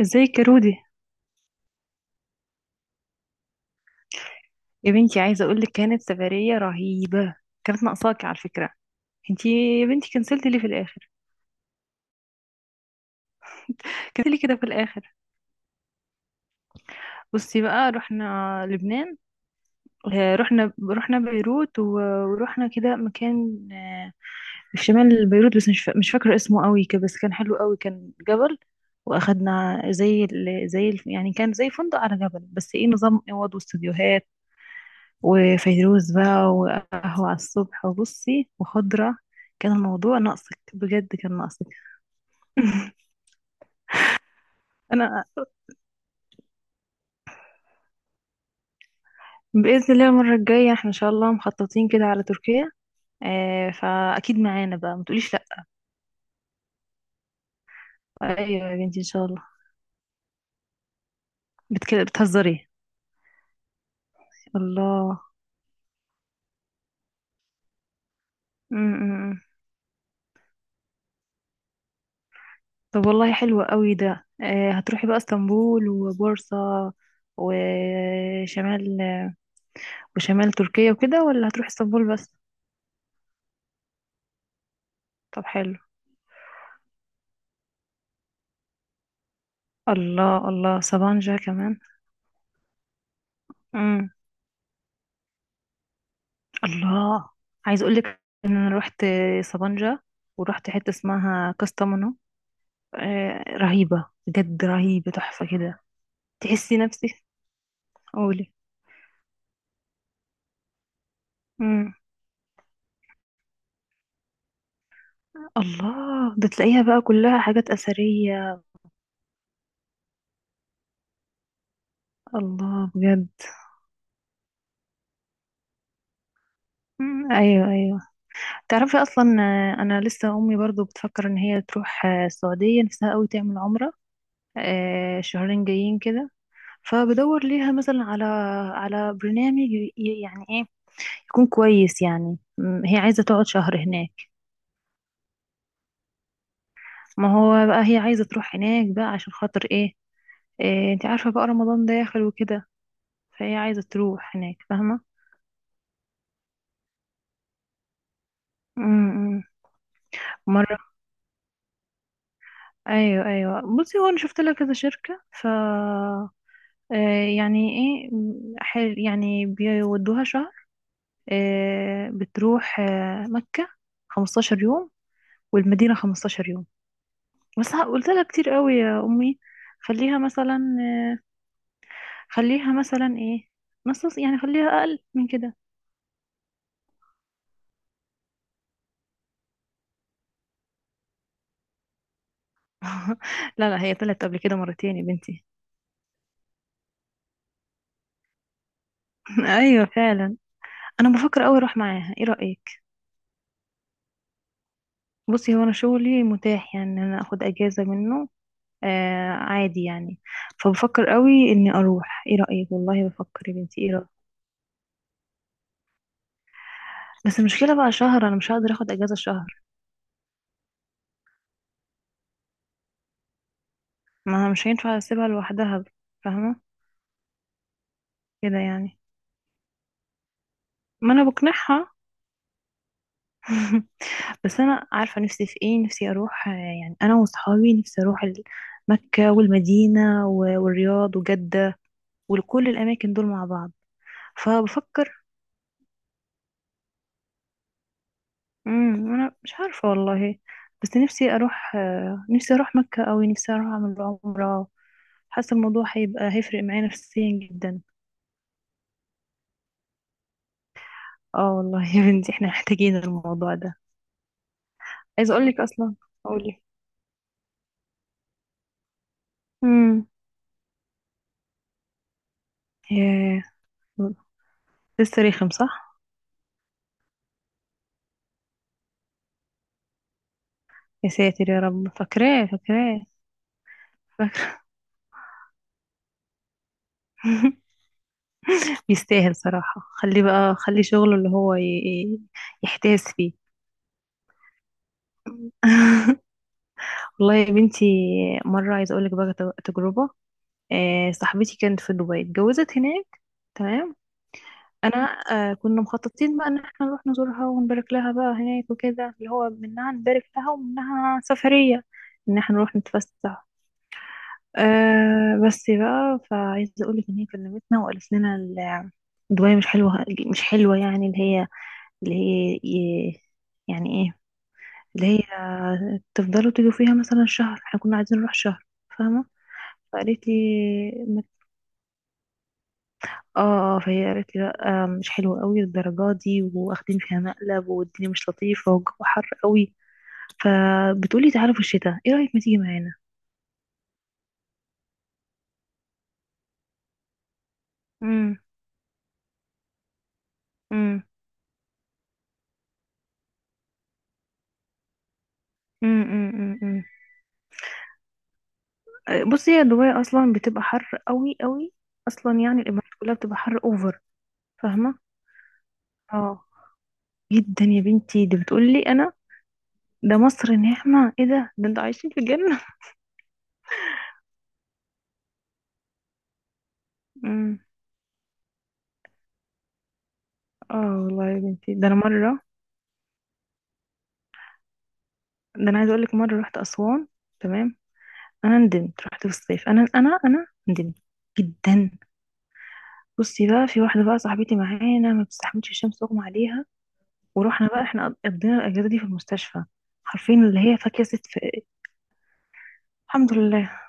ازيك يا رودي؟ يا بنتي عايزه اقول لك كانت سفريه رهيبه. كانت ناقصاكي على فكره. انتي يا بنتي كنسلتي ليه في الاخر؟ كنسلتي ليه كده في الاخر؟ بصي بقى رحنا لبنان. رحنا بيروت ورحنا كده مكان، في شمال بيروت، بس مش فاكره اسمه قوي كده، بس كان حلو قوي، كان جبل. واخدنا زي يعني كان زي فندق على جبل، بس ايه، نظام اوض واستوديوهات وفيروز بقى وقهوة على الصبح وبصي وخضرة. كان الموضوع ناقصك بجد، كان ناقصك. انا بإذن الله المرة الجاية احنا ان شاء الله مخططين كده على تركيا. آه فأكيد معانا بقى، ما تقوليش لأ. ايوه يا بنتي ان شاء الله. بتهزري؟ الله. م -م. م. طب والله حلو قوي ده. آه هتروحي بقى اسطنبول وبورصة وشمال، وشمال تركيا وكده، ولا هتروحي اسطنبول بس؟ طب حلو. الله الله، سبانجا كمان. امم الله. عايز اقول لك ان انا رحت سبانجا ورحت حته اسمها كاستامونو. آه رهيبه بجد، رهيبه، تحفه كده. تحسي نفسك. قولي. امم الله، ده تلاقيها بقى كلها حاجات اثريه. الله بجد. ايوه ايوه. تعرفي اصلا، انا لسه امي برضو بتفكر ان هي تروح، السعوديه، نفسها قوي تعمل عمره، شهرين جايين كده. فبدور ليها مثلا على على برنامج يعني ايه، يكون كويس، يعني هي عايزة تقعد شهر هناك. ما هو بقى هي عايزة تروح هناك بقى عشان خاطر ايه، إيه، انت عارفة بقى رمضان داخل وكده، فهي عايزة تروح هناك، فاهمة؟ م- م. مرة. ايوه ايوه، بصي هو انا شفت لها كذا شركة، ف يعني ايه، حل، يعني بيودوها شهر، بتروح مكة 15 يوم والمدينة 15 يوم. بس قلت لها كتير قوي يا امي، خليها مثلا، خليها مثلا ايه، نص، يعني خليها اقل من كده. لا لا، هي طلعت قبل كده مرتين يا بنتي. ايوه فعلا. انا بفكر قوي اروح معاها، ايه رايك؟ بصي هو انا شغلي متاح، يعني إن انا اخد اجازه منه آه، عادي يعني. فبفكر قوي اني اروح، ايه رايك والله، بفكر يا بنتي، ايه رايك؟ بس المشكله بقى شهر، انا مش هقدر اخد اجازه شهر. ما مش هينفع اسيبها لوحدها، فاهمه؟ كده يعني. ما انا بقنعها. بس انا عارفه نفسي في ايه، نفسي اروح، يعني انا وصحابي نفسي اروح مكه والمدينه والرياض وجده، وكل الاماكن دول مع بعض. فبفكر، انا مش عارفه والله، بس نفسي اروح، نفسي اروح مكه، او نفسي اروح اعمل عمره. حاسه الموضوع هيبقى هيفرق معايا نفسيا جدا. اه والله يا بنتي، احنا محتاجين الموضوع ده. عايزه اقول لك اصلا. قولي. امم ياه. لسه رخم صح؟ يا ساتر يا رب، فاكراه فاكراه. يستاهل صراحة، خليه بقى، خلي شغله اللي هو يحتاس فيه. والله يا بنتي، مرة عايزة أقولك بقى تجربة. صاحبتي كانت في دبي، اتجوزت هناك، تمام. أنا، كنا مخططين بقى إن احنا نروح نزورها ونبارك لها بقى هناك وكده، اللي هو منها نبارك لها ومنها سفرية، إن احنا نروح نتفسح. أه بس بقى، فعايزة أقولك إن هي كلمتنا وقالت لنا الدواية مش حلوة. مش حلوة يعني، اللي هي، اللي هي ي- يعني إيه، اللي هي تفضلوا تيجوا فيها مثلا شهر، احنا كنا عايزين نروح شهر، فاهمة؟ فقالت لي، ما- اه، فهي قالت لي لا، مش حلوة قوي الدرجات دي، واخدين فيها مقلب، والدنيا مش لطيفة، والجو حر قوي. فبتقولي تعالوا في الشتاء، ايه رأيك ما تيجي معانا؟ امم امم امم بصي، هي دبي اصلا بتبقى حر قوي قوي، اصلا يعني الامارات كلها بتبقى حر اوفر، فاهمه؟ اه جدا يا بنتي، دي بتقولي انا، ده مصر نعمه، ايه ده، ده انتوا عايشين في جنه. امم اه والله يا بنتي، ده انا مره، ده انا عايزه اقول لك مره رحت اسوان، تمام. انا ندمت، رحت في الصيف، انا ندمت جدا. بصي بقى، في واحده بقى صاحبتي معانا ما بتستحملش الشمس، اغمى عليها، ورحنا بقى احنا قضينا الاجازه دي في المستشفى. عارفين اللي هي فاكهه ست في الحمد لله.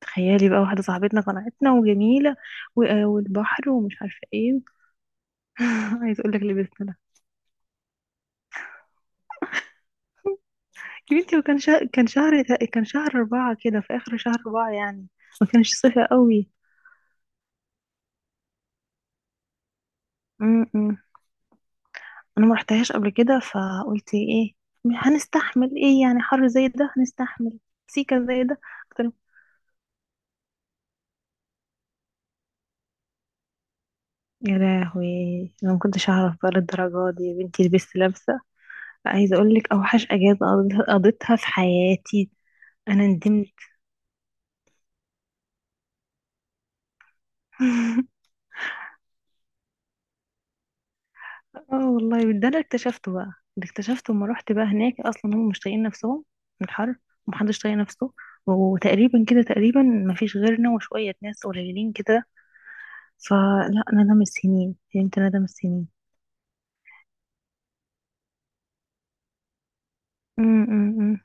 تخيلي بقى، واحدة صاحبتنا قنعتنا وجميلة والبحر ومش عارفة ايه. عايز اقول لك لبسنا لها، يا بنتي وكان شهر، كان شهر، كان شهر أربعة كده، في آخر شهر أربعة يعني، ما كانش صيف قوي. م-م. أنا ما رحتهاش قبل كده، فقلت ايه، هنستحمل، ايه يعني حر زي ده، هنستحمل سيكة زي ده. قلت لهم، يا لهوي انا ما كنتش اعرف بقى للدرجه دي يا بنتي، لبست لابسه. عايزه اقول لك اوحش اجازه قضيتها، قضيتها في حياتي، انا ندمت. اه والله، ده اللي اكتشفته بقى، اللي اكتشفته لما رحت بقى هناك، اصلا هم مش طايقين نفسهم من الحر، ومحدش طايق نفسه، وتقريبا كده تقريبا مفيش غيرنا وشوية ناس قليلين كده. فلا ندم السنين، فهمت ندم السنين. أم أم أم.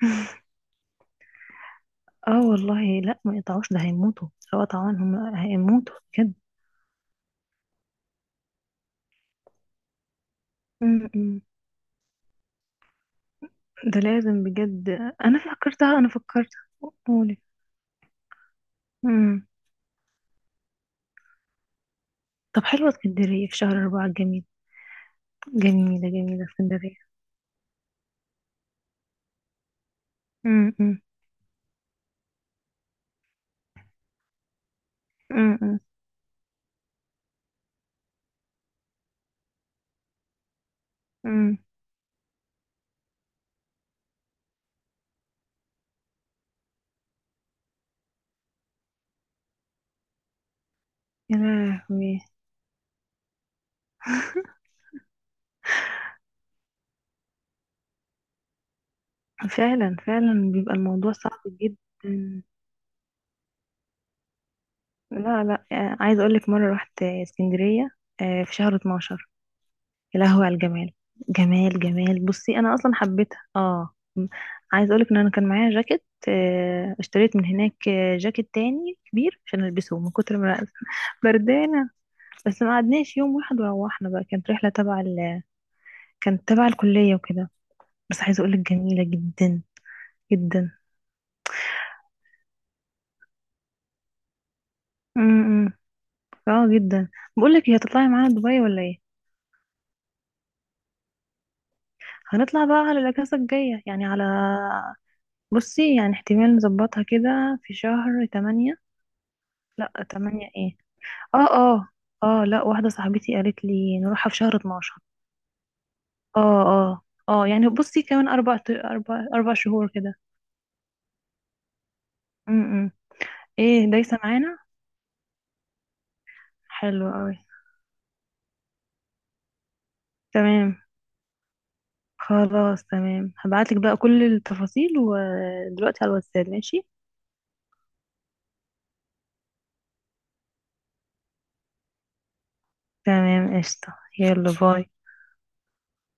اه والله لا، ما يقطعوش، ده هيموتوا، لو قطعوا هم هيموتوا بجد. أم أم. ده لازم بجد. انا فكرتها، انا فكرت. قولي. أم. طب حلوة اسكندرية في شهر أربعة، جميل. جميلة جميلة اسكندرية. أم أم. امم امم امم. يا لهوي. فعلا فعلا، بيبقى الموضوع صعب جدا. لا لا، عايزه اقول لك مره رحت اسكندريه، في شهر 12. يا لهوي على الجمال، جمال جمال. بصي انا اصلا حبيتها، اه عايزه اقول لك ان انا كان معايا جاكيت، اشتريت من هناك، جاكيت تاني كبير عشان البسه من كتر ما أنا بردانه. بس ما قعدناش يوم واحد، وروحنا بقى، كانت رحله تبع كانت تبع الكليه وكده. بس عايزه اقول لك جميله جدا جدا. امم اه جدا. بقول لك، هتطلعي معانا دبي ولا ايه؟ هنطلع بقى على الاجازه الجايه، يعني على، بصي يعني احتمال نظبطها كده في شهر تمانية. لا تمانية ايه؟ اه اه اه، لا واحده صاحبتي قالت لي نروحها في شهر 12. اه اه اه، يعني بصي كمان اربع اربع اربع شهور كده. امم ايه دايسه معانا؟ حلو قوي. تمام خلاص، تمام هبعتلك بقى كل التفاصيل ودلوقتي على الواتساب، ماشي. تمام قشطه. يلا باي.